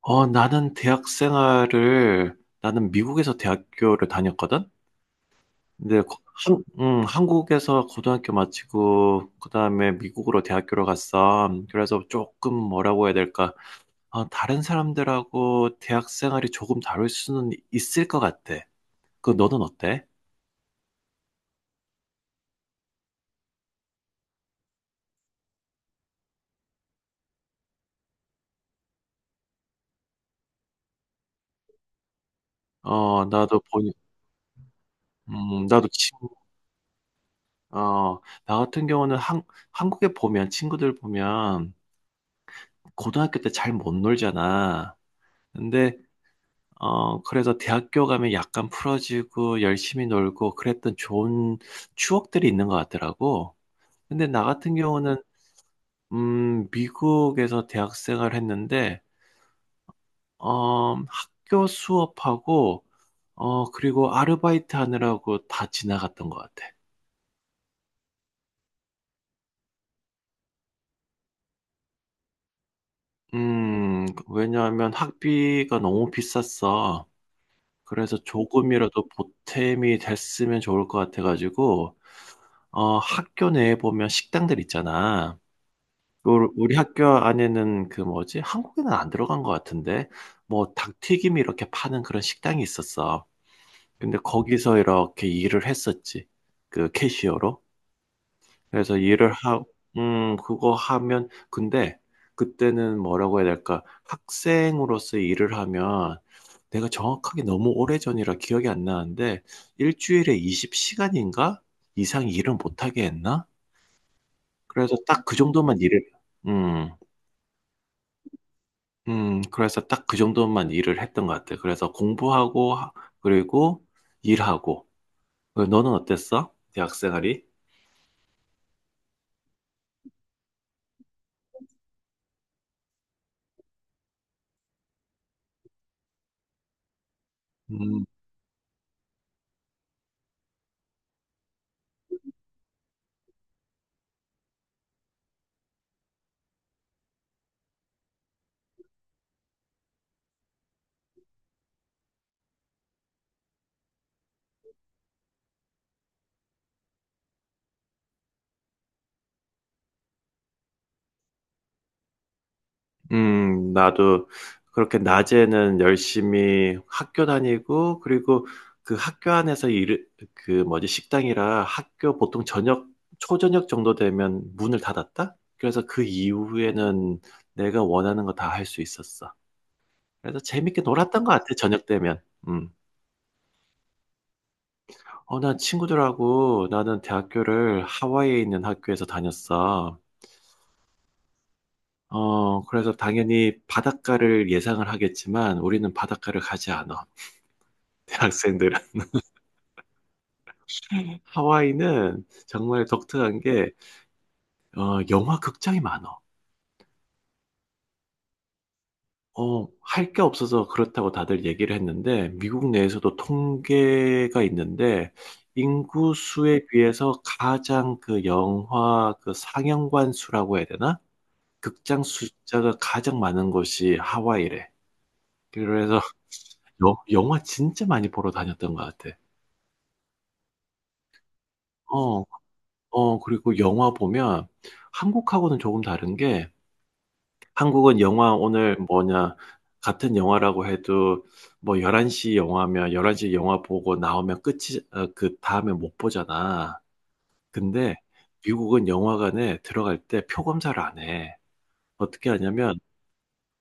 나는 미국에서 대학교를 다녔거든? 근데, 한국에서 고등학교 마치고, 그 다음에 미국으로 대학교를 갔어. 그래서 조금 뭐라고 해야 될까. 다른 사람들하고 대학 생활이 조금 다를 수는 있을 것 같아. 그, 너는 어때? 어, 나도 보니, 나도 친, 어, 나 같은 경우는 한국에 보면, 친구들 보면, 고등학교 때 잘 못 놀잖아. 근데, 그래서 대학교 가면 약간 풀어지고 열심히 놀고 그랬던 좋은 추억들이 있는 것 같더라고. 근데 나 같은 경우는, 미국에서 대학 생활 했는데, 학교 수업하고, 그리고 아르바이트 하느라고 다 지나갔던 것 같아. 왜냐하면 학비가 너무 비쌌어. 그래서 조금이라도 보탬이 됐으면 좋을 것 같아가지고, 학교 내에 보면 식당들 있잖아. 우리 학교 안에는 그 뭐지? 한국에는 안 들어간 것 같은데, 뭐 닭튀김 이렇게 파는 그런 식당이 있었어. 근데 거기서 이렇게 일을 했었지. 그 캐시어로. 그래서 일을 하, 그거 하면, 근데 그때는 뭐라고 해야 될까? 학생으로서 일을 하면 내가 정확하게 너무 오래전이라 기억이 안 나는데, 일주일에 20시간인가? 이상 일을 못하게 했나? 그래서 딱 그 정도만 일을, 음. 그래서 딱 그 정도만 일을 했던 것 같아. 그래서 공부하고, 그리고 일하고. 너는 어땠어? 대학 생활이? 음, 나도 그렇게 낮에는 열심히 학교 다니고, 그리고 그 학교 안에서 그 뭐지, 식당이라 학교 보통 저녁, 초저녁 정도 되면 문을 닫았다? 그래서 그 이후에는 내가 원하는 거 다 할 수 있었어. 그래서 재밌게 놀았던 것 같아, 저녁 되면. 음. 어, 나 친구들하고 나는 대학교를 하와이에 있는 학교에서 다녔어. 그래서 당연히 바닷가를 예상을 하겠지만 우리는 바닷가를 가지 않아. 대학생들은. 하와이는 정말 독특한 게, 영화 극장이 많아. 할 게 없어서 그렇다고 다들 얘기를 했는데, 미국 내에서도 통계가 있는데, 인구 수에 비해서 가장 그 영화 그 상영관 수라고 해야 되나? 극장 숫자가 가장 많은 곳이 하와이래. 그래서 여 영화 진짜 많이 보러 다녔던 것 같아. 어. 그리고 영화 보면 한국하고는 조금 다른 게 한국은 영화 오늘 뭐냐 같은 영화라고 해도 뭐 1 1시 영화면 1 1시 영화 보고 나오면 끝이 그 다음에 못 보잖아. 근데 미국은 영화관에 들어갈 때 표 검사를 안 해. 어떻게 하냐면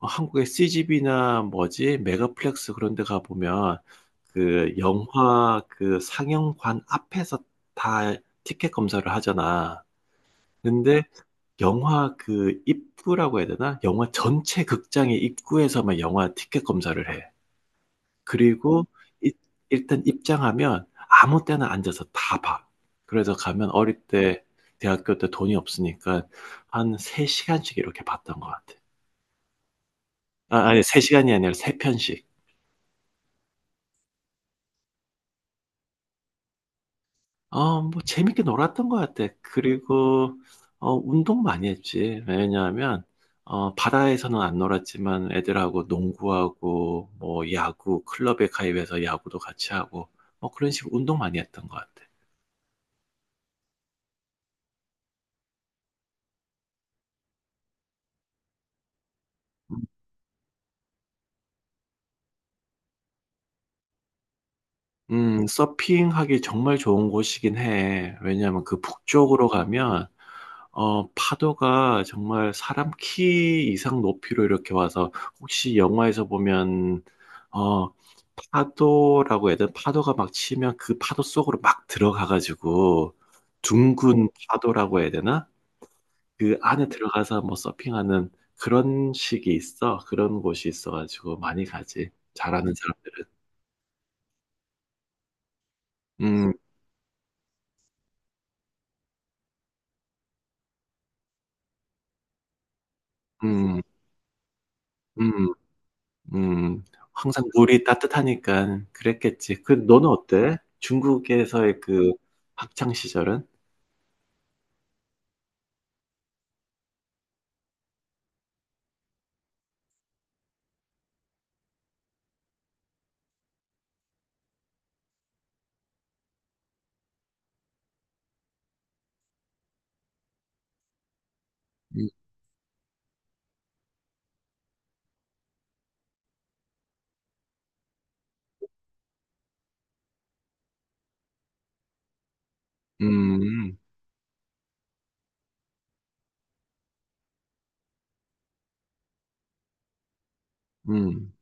한국의 CGV나 뭐지 메가플렉스 그런 데 가보면 그 영화 그 상영관 앞에서 다 티켓 검사를 하잖아. 근데 영화 그 입구라고 해야 되나? 영화 전체 극장의 입구에서만 영화 티켓 검사를 해. 그리고 이- 일단 입장하면 아무 때나 앉아서 다 봐. 그래서 가면 어릴 때 대학교 때 돈이 없으니까 한 3시간씩 이렇게 봤던 것 같아. 아, 아니 3시간이 아니라 3편씩. 재밌게 놀았던 것 같아. 그리고, 운동 많이 했지. 왜냐하면, 바다에서는 안 놀았지만 애들하고 농구하고, 뭐, 야구, 클럽에 가입해서 야구도 같이 하고, 뭐, 그런 식으로 운동 많이 했던 것 같아. 서핑하기 정말 좋은 곳이긴 해. 왜냐하면 그 북쪽으로 가면, 파도가 정말 사람 키 이상 높이로 이렇게 와서, 혹시 영화에서 보면, 어, 파도라고 해야 되나? 파도가 막 치면 그 파도 속으로 막 들어가가지고, 둥근 파도라고 해야 되나? 그 안에 들어가서 뭐 서핑하는 그런 식이 있어. 그런 곳이 있어가지고 많이 가지. 잘하는 사람들은. 음. 음. 음. 음. 항상 물이 따뜻하니까 그랬겠지. 그 너는 어때? 중국에서의 그 학창 시절은? 음. 음. 음.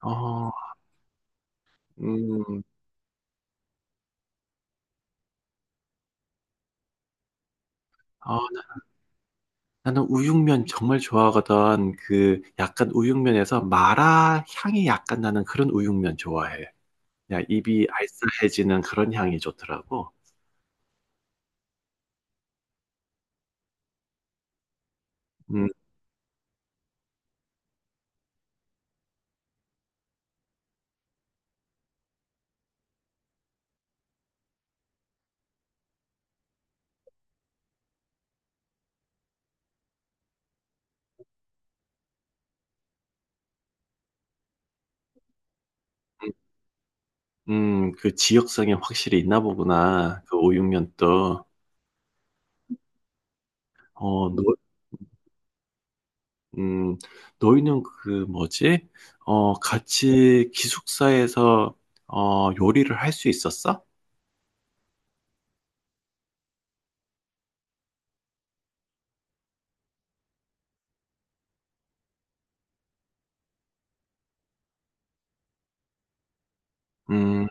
어. 음. 어 나는 우육면 정말 좋아하거든. 그 약간 우육면에서 마라 향이 약간 나는 그런 우육면 좋아해. 야 입이 알싸해지는 그런 향이 좋더라고. 음. 음. 음. 그 지역성이 확실히 있나 보구나. 그 우육면도. 어너 음, 너희는 그 뭐지? 같이 기숙사에서 요리를 할 수 있었어? 음. 음.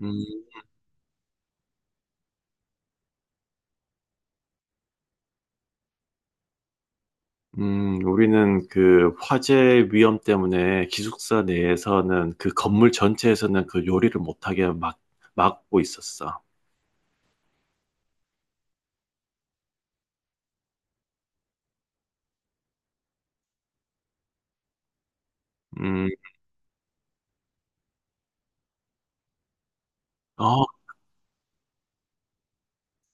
음. 음. 우리는 그 화재 위험 때문에 기숙사 내에서는 그 건물 전체에서는 그 요리를 못하게 막고 있었어. 음. 어.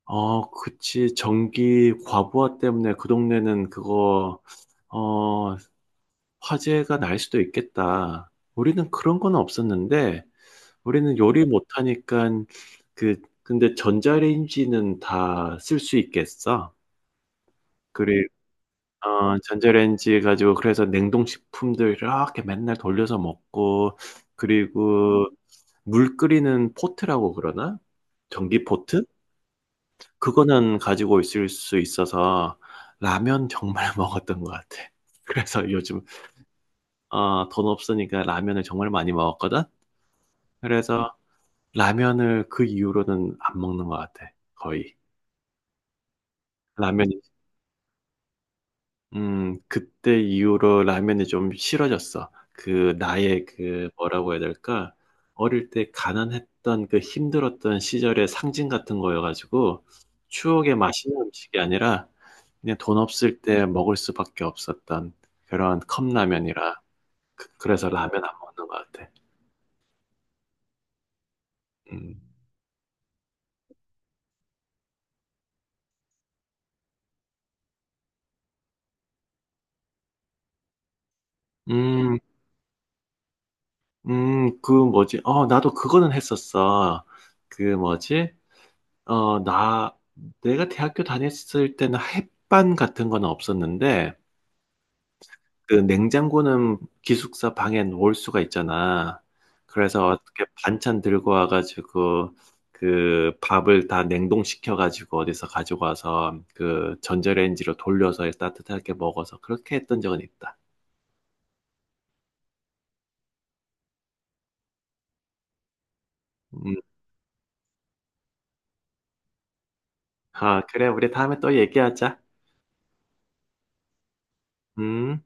어, 그치. 전기 과부하 때문에 그 동네는 그거, 어 화재가 날 수도 있겠다. 우리는 그런 건 없었는데 우리는 요리 못하니까 그 근데 전자레인지는 다 쓸 수 있겠어. 그리고 전자레인지 가지고 그래서 냉동식품들 이렇게 맨날 돌려서 먹고 그리고 물 끓이는 포트라고 그러나? 전기 포트? 그거는 가지고 있을 수 있어서 라면 정말 먹었던 것 같아. 그래서 요즘 돈 없으니까 라면을 정말 많이 먹었거든? 그래서 라면을 그 이후로는 안 먹는 것 같아. 거의. 라면이, 그때 이후로 라면이 좀 싫어졌어. 그 나의 그 뭐라고 해야 될까? 어릴 때 가난했던 그 힘들었던 시절의 상징 같은 거여가지고 추억의 맛있는 음식이 아니라 그냥 돈 없을 때 먹을 수밖에 없었던 그런 컵라면이라 그래서 라면 안 먹는 것 같아. 음. 음, 그 뭐지? 나도 그거는 했었어. 그 뭐지? 어, 나, 내가 대학교 다녔을 때는 햇반 같은 건 없었는데, 그 냉장고는 기숙사 방에 놓을 수가 있잖아. 그래서 어떻게 반찬 들고 와가지고, 그 밥을 다 냉동시켜가지고 어디서 가지고 와서 그 전자레인지로 돌려서 따뜻하게 먹어서 그렇게 했던 적은 있다. 음. 아, 그래. 우리 다음에 또 얘기하자. 음.